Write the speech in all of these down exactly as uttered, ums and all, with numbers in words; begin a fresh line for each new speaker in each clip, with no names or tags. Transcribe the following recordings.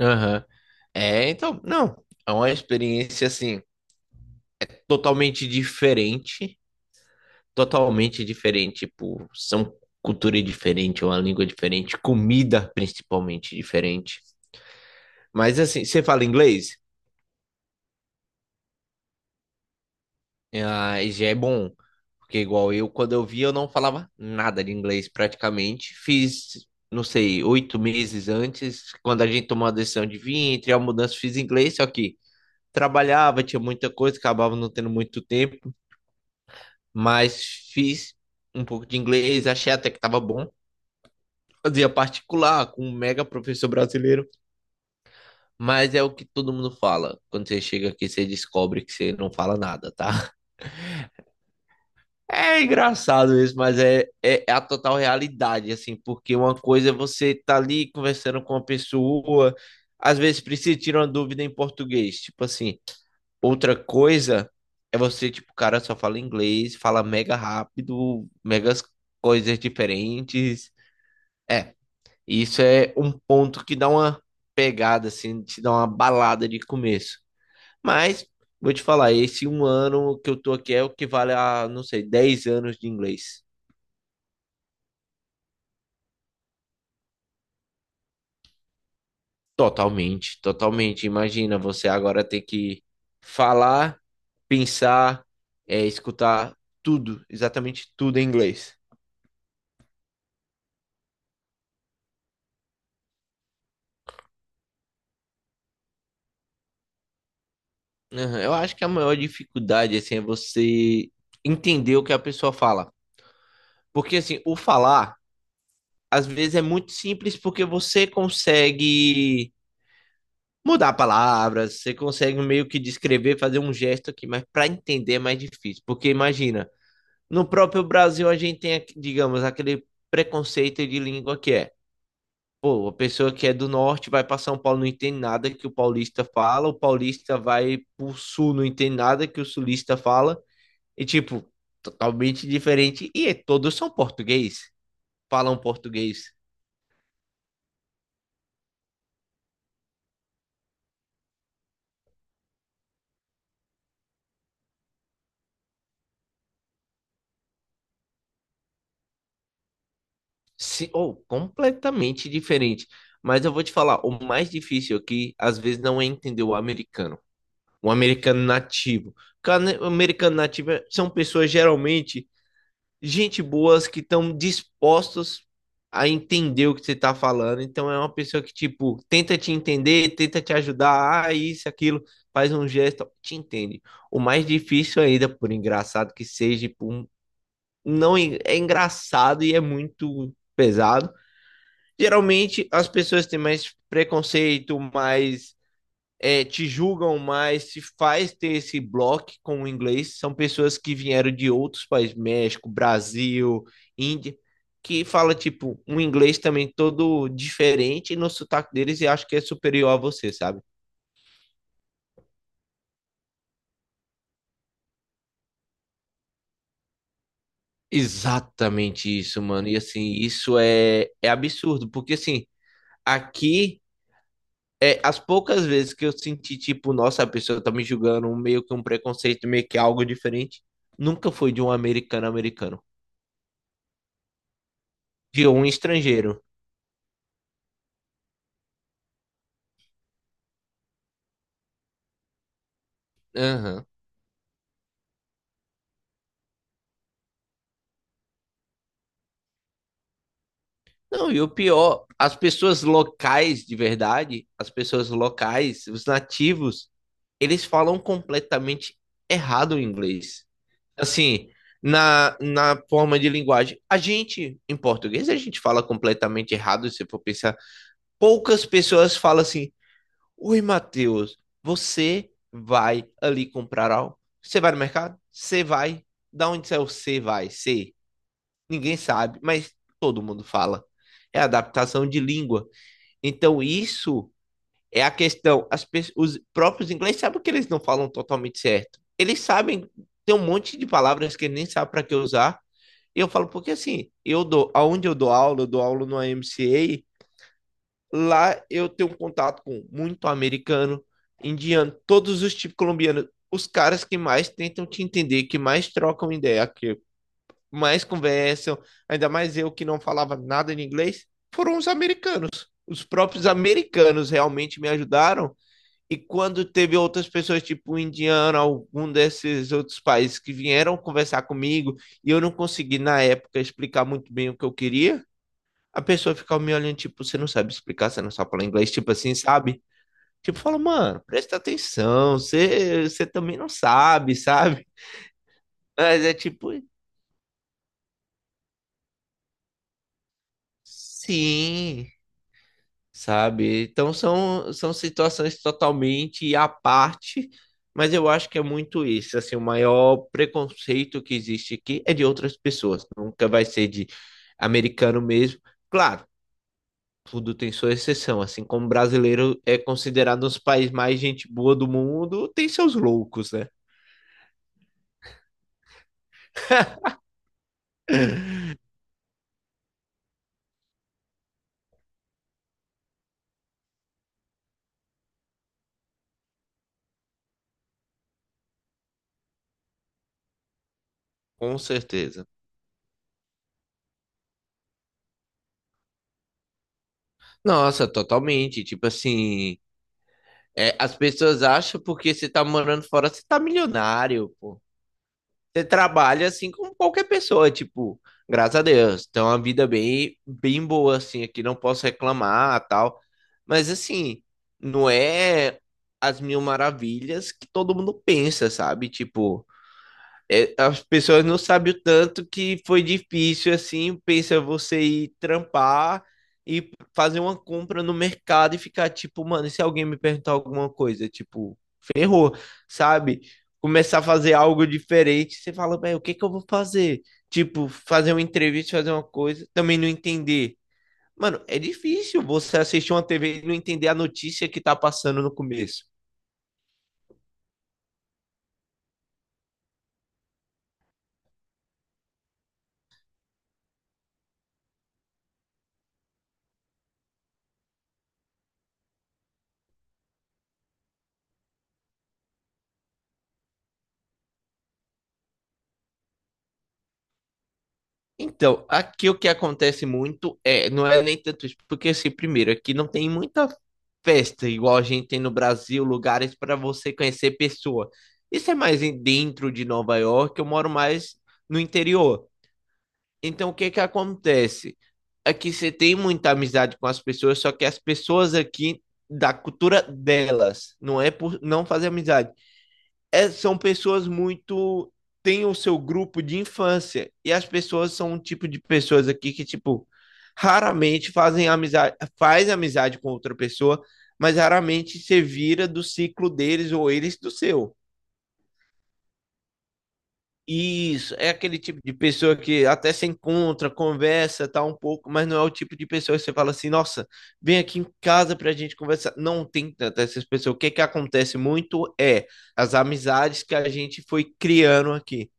Aham. É, então, não. É uma experiência, assim, totalmente diferente. Totalmente diferente, tipo, são cultura diferente, uma língua diferente, comida principalmente diferente. Mas, assim, você fala inglês? Ah, já é bom. Porque, igual eu, quando eu vi, eu não falava nada de inglês praticamente. Fiz, não sei, oito meses antes, quando a gente tomou a decisão de vir, entre a mudança, fiz inglês, só que trabalhava, tinha muita coisa, acabava não tendo muito tempo. Mas fiz um pouco de inglês, achei até que tava bom. Fazia particular com um mega professor brasileiro, mas é o que todo mundo fala. Quando você chega aqui, você descobre que você não fala nada, tá? É engraçado isso, mas é, é, é a total realidade, assim, porque uma coisa é você tá ali conversando com uma pessoa, às vezes precisa tirar uma dúvida em português, tipo assim. Outra coisa é você, tipo, o cara só fala inglês, fala mega rápido, megas coisas diferentes. É, isso é um ponto que dá uma pegada, assim, te dá uma balada de começo. Mas, vou te falar, esse um ano que eu tô aqui é o que vale a, não sei, dez anos de inglês. Totalmente, totalmente. Imagina você agora ter que falar, pensar, é, escutar tudo, exatamente tudo em inglês. Aham, eu acho que a maior dificuldade, assim, é você entender o que a pessoa fala. Porque, assim, o falar, às vezes é muito simples porque você consegue mudar palavras, você consegue meio que descrever, fazer um gesto aqui, mas para entender é mais difícil. Porque imagina, no próprio Brasil a gente tem, digamos, aquele preconceito de língua que é, pô, a pessoa que é do norte vai para São Paulo não entende nada que o paulista fala, o paulista vai pro sul não entende nada que o sulista fala, e tipo, totalmente diferente. E é, todos são português, falam português. Se, ou completamente diferente. Mas eu vou te falar, o mais difícil aqui, às vezes, não é entender o americano, o americano nativo. Cara, né, o americano nativo é- são pessoas geralmente gente boas que estão dispostos a entender o que você está falando. Então é uma pessoa que, tipo, tenta te entender, tenta te ajudar, ah, isso, aquilo, faz um gesto, te entende. O mais difícil ainda, por engraçado que seja, por, um- não en- é engraçado e é muito pesado, geralmente as pessoas têm mais preconceito, mais é, te julgam mais, se faz ter esse bloco com o inglês, são pessoas que vieram de outros países, México, Brasil, Índia, que fala tipo um inglês também todo diferente no sotaque deles e acho que é superior a você, sabe? Exatamente isso, mano. E assim, isso é, é absurdo, porque assim, aqui é, as poucas vezes que eu senti, tipo, nossa, a pessoa tá me julgando, um meio que um preconceito, meio que algo diferente, nunca foi de um americano americano, de um estrangeiro. Aham. Não, e o pior, as pessoas locais de verdade, as pessoas locais, os nativos, eles falam completamente errado o inglês. Assim, na, na forma de linguagem. A gente, em português, a gente fala completamente errado, se for pensar. Poucas pessoas falam assim, oi, Matheus, você vai ali comprar algo? Você vai no mercado? Você vai? Da onde é o você vai? Você? Ninguém sabe, mas todo mundo fala. É adaptação de língua. Então, isso é a questão. As pe- os próprios ingleses sabem que eles não falam totalmente certo. Eles sabem, tem um monte de palavras que eles nem sabem para que usar. E eu falo, porque assim, eu dou, aonde eu dou aula, eu dou aula no amca Lá eu tenho um contato com muito americano, indiano, todos os tipos colombianos, os caras que mais tentam te entender, que mais trocam ideia, que mais conversam, ainda mais eu que não falava nada em inglês, foram os americanos. Os próprios americanos realmente me ajudaram. E quando teve outras pessoas, tipo o indiano, algum desses outros países que vieram conversar comigo, e eu não consegui na época explicar muito bem o que eu queria, a pessoa fica me olhando, tipo, você não sabe explicar, você não sabe falar inglês, tipo assim, sabe? Tipo, fala, mano, presta atenção, você, você também não sabe, sabe? Mas é tipo, sim, sabe? Então são, são situações totalmente à parte, mas eu acho que é muito isso, assim, o maior preconceito que existe aqui é de outras pessoas, nunca vai ser de americano mesmo. Claro, tudo tem sua exceção. Assim como o brasileiro é considerado um dos países mais gente boa do mundo, tem seus loucos, né? Com certeza. Nossa, totalmente. Tipo assim, é, as pessoas acham porque você tá morando fora, você tá milionário, pô. Você trabalha assim como qualquer pessoa, tipo, graças a Deus. Então, uma vida bem, bem boa, assim, aqui não posso reclamar, tal. Mas assim, não é as mil maravilhas que todo mundo pensa, sabe? Tipo, é, as pessoas não sabem o tanto que foi difícil, assim, pensa você ir trampar e fazer uma compra no mercado e ficar tipo, mano, e se alguém me perguntar alguma coisa, tipo, ferrou, sabe? Começar a fazer algo diferente, você fala, velho, o que que eu vou fazer? Tipo, fazer uma entrevista, fazer uma coisa, também não entender. Mano, é difícil você assistir uma T V e não entender a notícia que tá passando no começo. Então, aqui o que acontece muito é, não é nem tanto isso, porque assim, primeiro, aqui não tem muita festa igual a gente tem no Brasil, lugares para você conhecer pessoa. Isso é mais em- dentro de Nova York, eu moro mais no interior. Então, o que que acontece? Aqui você tem muita amizade com as pessoas, só que as pessoas aqui da cultura delas, não é por não fazer amizade, é, são pessoas muito, têm o seu grupo de infância. E as pessoas são um tipo de pessoas aqui que, tipo, raramente fazem amizade, faz amizade com outra pessoa, mas raramente se vira do ciclo deles ou eles do seu. Isso, é aquele tipo de pessoa que até se encontra, conversa, tá um pouco, mas não é o tipo de pessoa que você fala assim, nossa, vem aqui em casa pra gente conversar. Não tem tanto essas pessoas. O que que acontece muito é as amizades que a gente foi criando aqui.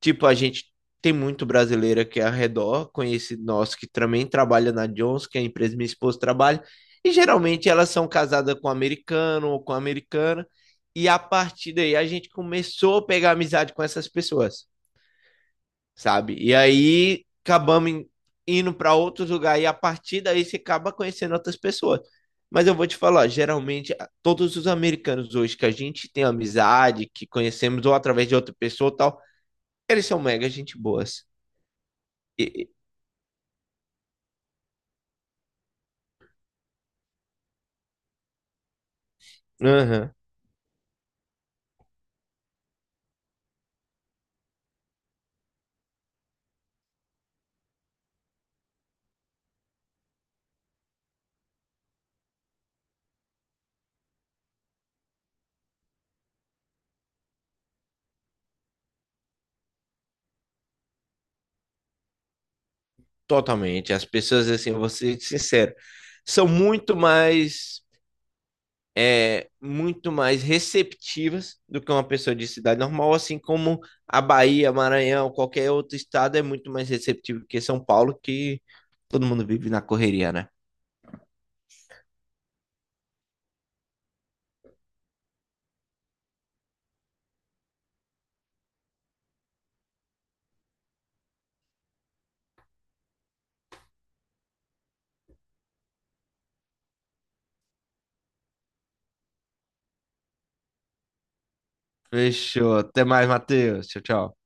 Tipo, a gente tem muito brasileira que é ao redor, conhecido nosso que também trabalha na Johnson, que é a empresa que minha esposa trabalha, e geralmente elas são casadas com americano ou com americana, e a partir daí a gente começou a pegar amizade com essas pessoas, sabe? E aí acabamos indo para outros lugares, e a partir daí você acaba conhecendo outras pessoas. Mas eu vou te falar, geralmente todos os americanos hoje que a gente tem amizade, que conhecemos ou através de outra pessoa ou tal, eles são mega gente boas. E- aham, totalmente. As pessoas, assim, eu vou ser sincero, são muito mais, é, muito mais receptivas do que uma pessoa de cidade normal, assim como a Bahia, Maranhão, qualquer outro estado é muito mais receptivo que São Paulo, que todo mundo vive na correria, né? Fechou. Até mais, Matheus. Tchau, tchau.